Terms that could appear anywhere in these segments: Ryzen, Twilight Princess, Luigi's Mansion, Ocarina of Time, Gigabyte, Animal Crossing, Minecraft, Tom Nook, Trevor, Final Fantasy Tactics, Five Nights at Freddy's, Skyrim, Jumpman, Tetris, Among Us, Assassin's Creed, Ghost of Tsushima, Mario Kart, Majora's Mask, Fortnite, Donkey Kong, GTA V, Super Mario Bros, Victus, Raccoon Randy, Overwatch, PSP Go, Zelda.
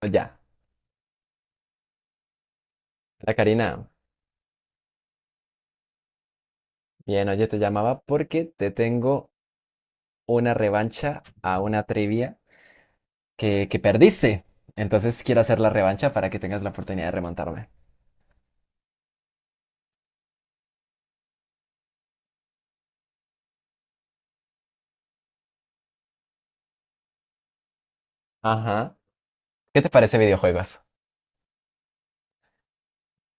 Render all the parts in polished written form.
Pues ya, la Karina, bien, oye, te llamaba porque te tengo una revancha a una trivia que perdiste. Entonces quiero hacer la revancha para que tengas la oportunidad de remontarme. Ajá. ¿Qué te parece videojuegos?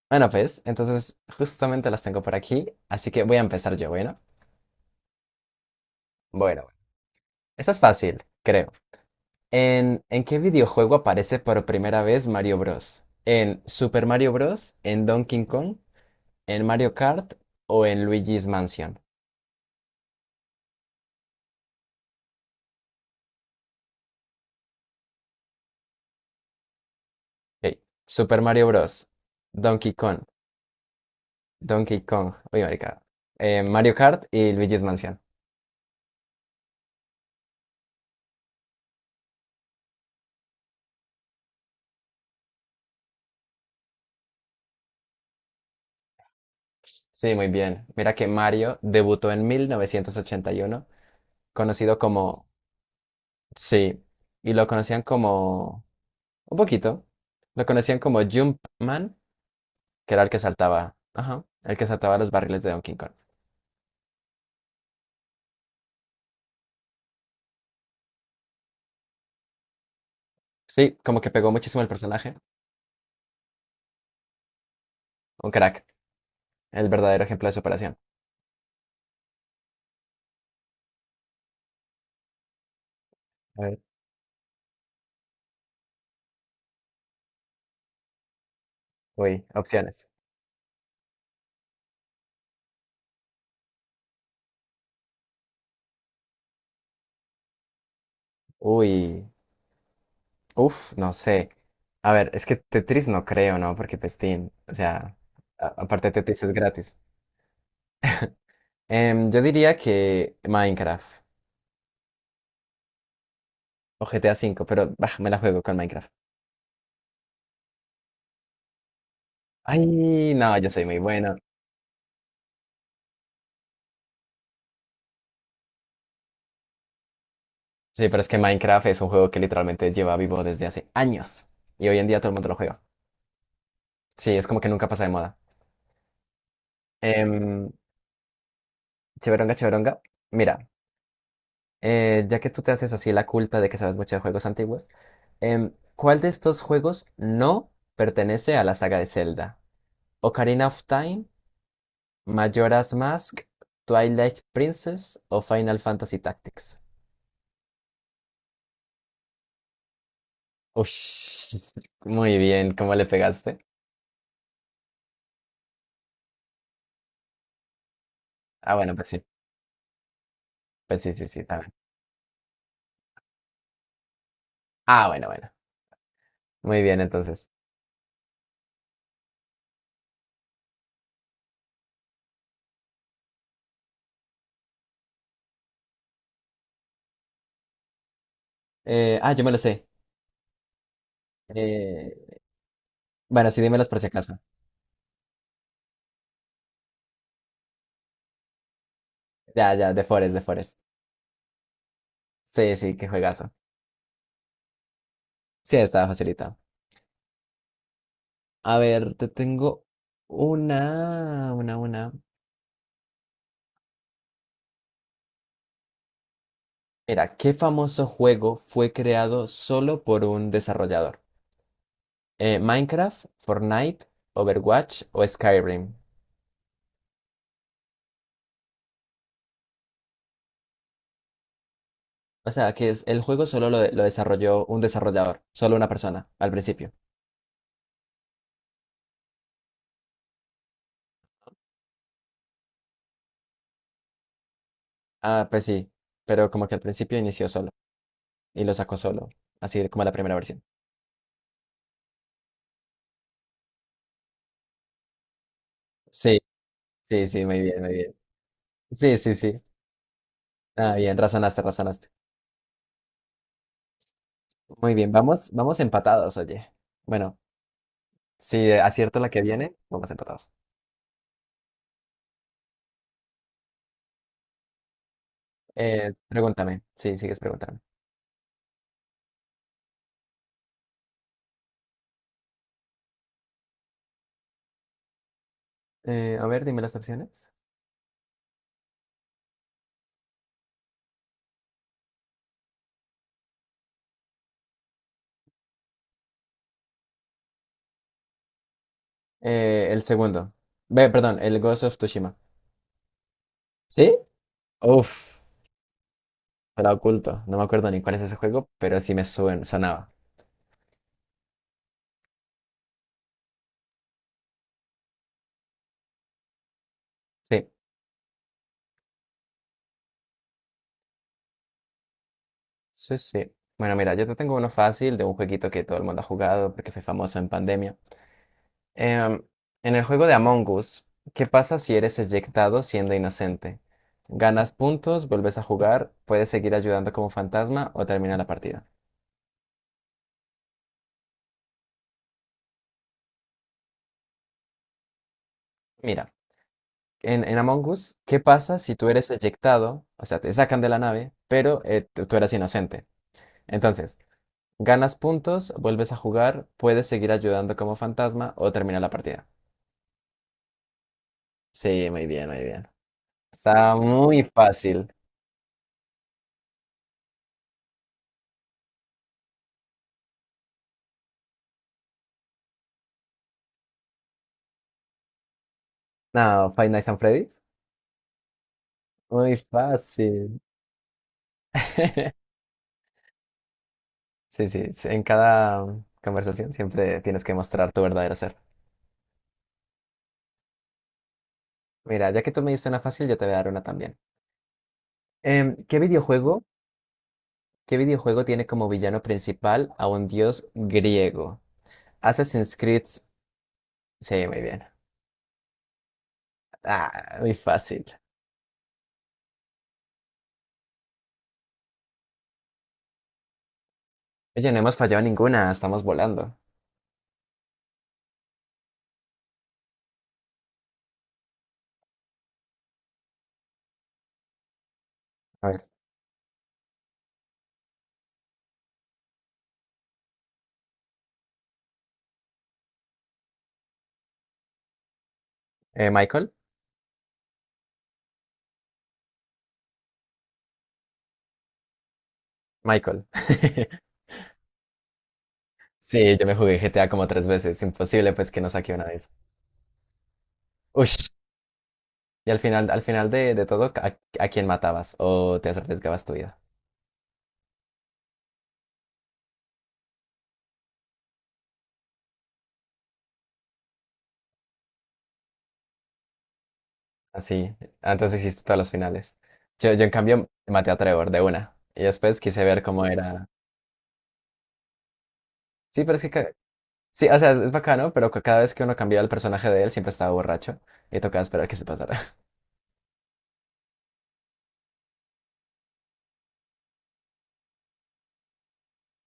Bueno, pues, entonces justamente las tengo por aquí, así que voy a empezar yo, ¿bueno? Bueno, bueno. Esta es fácil, creo. ¿En qué videojuego aparece por primera vez Mario Bros? ¿En Super Mario Bros? ¿En Donkey Kong? ¿En Mario Kart? ¿O en Luigi's Mansion? Ok. Super Mario Bros. Donkey Kong. Donkey Kong. Uy, marica. Mario Kart y Luigi's Mansion. Sí, muy bien. Mira que Mario debutó en 1981, conocido como... Sí. Y lo conocían como... Un poquito. Lo conocían como Jumpman, que era el que saltaba. Ajá. El que saltaba los barriles de Donkey Kong. Sí, como que pegó muchísimo el personaje. Un crack. El verdadero ejemplo de superación. A ver. Uy, opciones. Uy. Uf, no sé. A ver, es que Tetris no creo, ¿no? Porque Pestín, o sea, aparte Tetris es gratis. Yo diría que Minecraft o GTA V, pero bah, me la juego con Minecraft. Ay, no, yo soy muy bueno. Sí, pero es que Minecraft es un juego que literalmente lleva vivo desde hace años y hoy en día todo el mundo lo juega. Sí, es como que nunca pasa de moda. Em, Cheveronga, Cheveronga. Mira. Ya que tú te haces así la culta de que sabes mucho de juegos antiguos, ¿cuál de estos juegos no pertenece a la saga de Zelda? ¿Ocarina of Time, Majora's Mask, Twilight Princess o Final Fantasy Tactics? Ush, muy bien, ¿cómo le pegaste? Ah, bueno, pues sí, sí, sí, está bien. Ah, bueno, bueno, muy bien, entonces. Yo me lo sé. Eh, bueno, sí, dímelos por si acaso. Ya, ya, de Forest, de Forest. Sí, sí, qué juegazo. Sí, estaba facilitado. A ver, te tengo una. Mira, ¿qué famoso juego fue creado solo por un desarrollador? ¿Minecraft, Fortnite, Overwatch o Skyrim? O sea, que es, el juego solo lo, lo desarrolló un desarrollador, solo una persona, al principio. Ah, pues sí, pero como que al principio inició solo y lo sacó solo, así como la primera versión. Sí, sí, sí, muy bien, muy bien. Sí, sí, sí. Ah, bien, razonaste, razonaste. Muy bien, vamos, vamos empatados, oye. Bueno. Si acierto la que viene, vamos empatados. Pregúntame. Sí, sigues preguntando. A ver, dime las opciones. El segundo. Ve, perdón, el Ghost of Tsushima. ¿Sí? Uf, la oculto. No me acuerdo ni cuál es ese juego, pero sí me sonaba. Sí, sí, sí. Bueno, mira, yo te tengo uno fácil de un jueguito que todo el mundo ha jugado porque fue famoso en pandemia. Em, en el juego de Among Us, ¿qué pasa si eres eyectado siendo inocente? ¿Ganas puntos, vuelves a jugar, puedes seguir ayudando como fantasma o termina la partida? Mira, en Among Us, ¿qué pasa si tú eres eyectado? O sea, te sacan de la nave, pero tú eras inocente. Entonces, ¿ganas puntos, vuelves a jugar, puedes seguir ayudando como fantasma o termina la partida? Sí, muy bien, muy bien. Está muy fácil. No, Five Nights at Freddy's. Muy fácil. Sí, sí, sí, en cada conversación siempre tienes que mostrar tu verdadero ser. Mira, ya que tú me diste una fácil, yo te voy a dar una también. Em, ¿qué videojuego, ¿qué videojuego tiene como villano principal a un dios griego? Assassin's Creed. Sí, muy bien. Ah, muy fácil. Oye, no hemos fallado ninguna, estamos volando. A ver, eh, Michael, Michael. Sí, yo me jugué GTA como 3 veces, imposible pues que no saque una de esas. Ush. Y al final de todo, a quién matabas o te arriesgabas tu vida? Así, antes hiciste todas las finales. Yo en cambio maté a Trevor de una. Y después quise ver cómo era. Sí, pero es que... ca- Sí, o sea, es bacano, pero cada vez que uno cambiaba el personaje de él siempre estaba borracho. Y tocaba esperar que se pasara.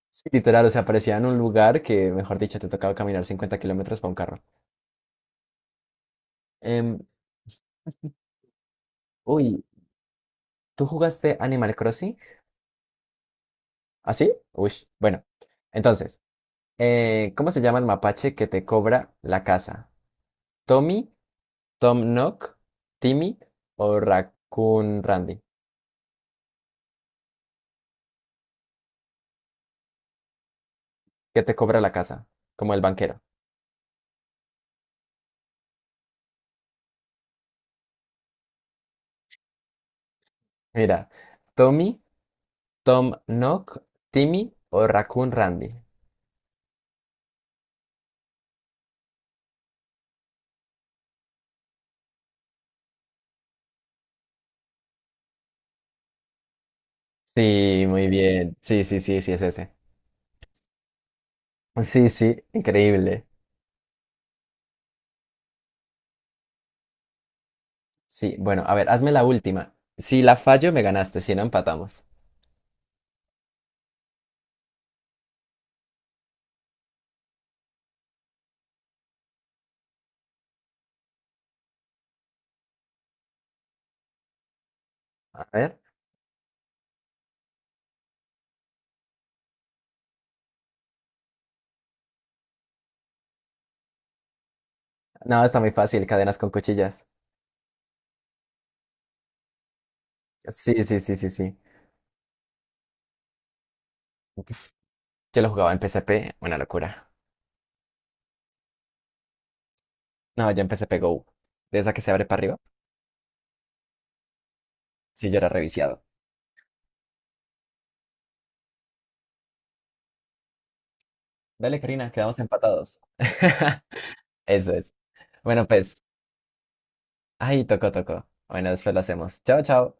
Sí, literal, o sea, aparecía en un lugar que, mejor dicho, te tocaba caminar 50 kilómetros para un carro. Em, uy, ¿Tú jugaste Animal Crossing? ¿Así? Uy, bueno. Entonces, ¿cómo se llama el mapache que te cobra la casa? ¿Tommy? Tom Nook, Timmy o Raccoon Randy, que te cobra la casa, como el banquero. Mira, Tommy, Tom Nook, Timmy o Raccoon Randy. Sí, muy bien. Sí, sí, sí, sí, es ese. Sí, sí, increíble. Sí, bueno, a ver, hazme la última. Si la fallo, me ganaste, si no empatamos. A ver. No, está muy fácil, cadenas con cuchillas. Sí, sí, sí, sí, sí. Yo lo jugaba en PSP, una locura. No, yo en PSP Go. De esa que se abre para arriba. Sí, yo era reviciado. Dale, Karina, quedamos empatados. Eso es. Bueno, pues ahí tocó, tocó. Bueno, después lo hacemos. Chao, chao.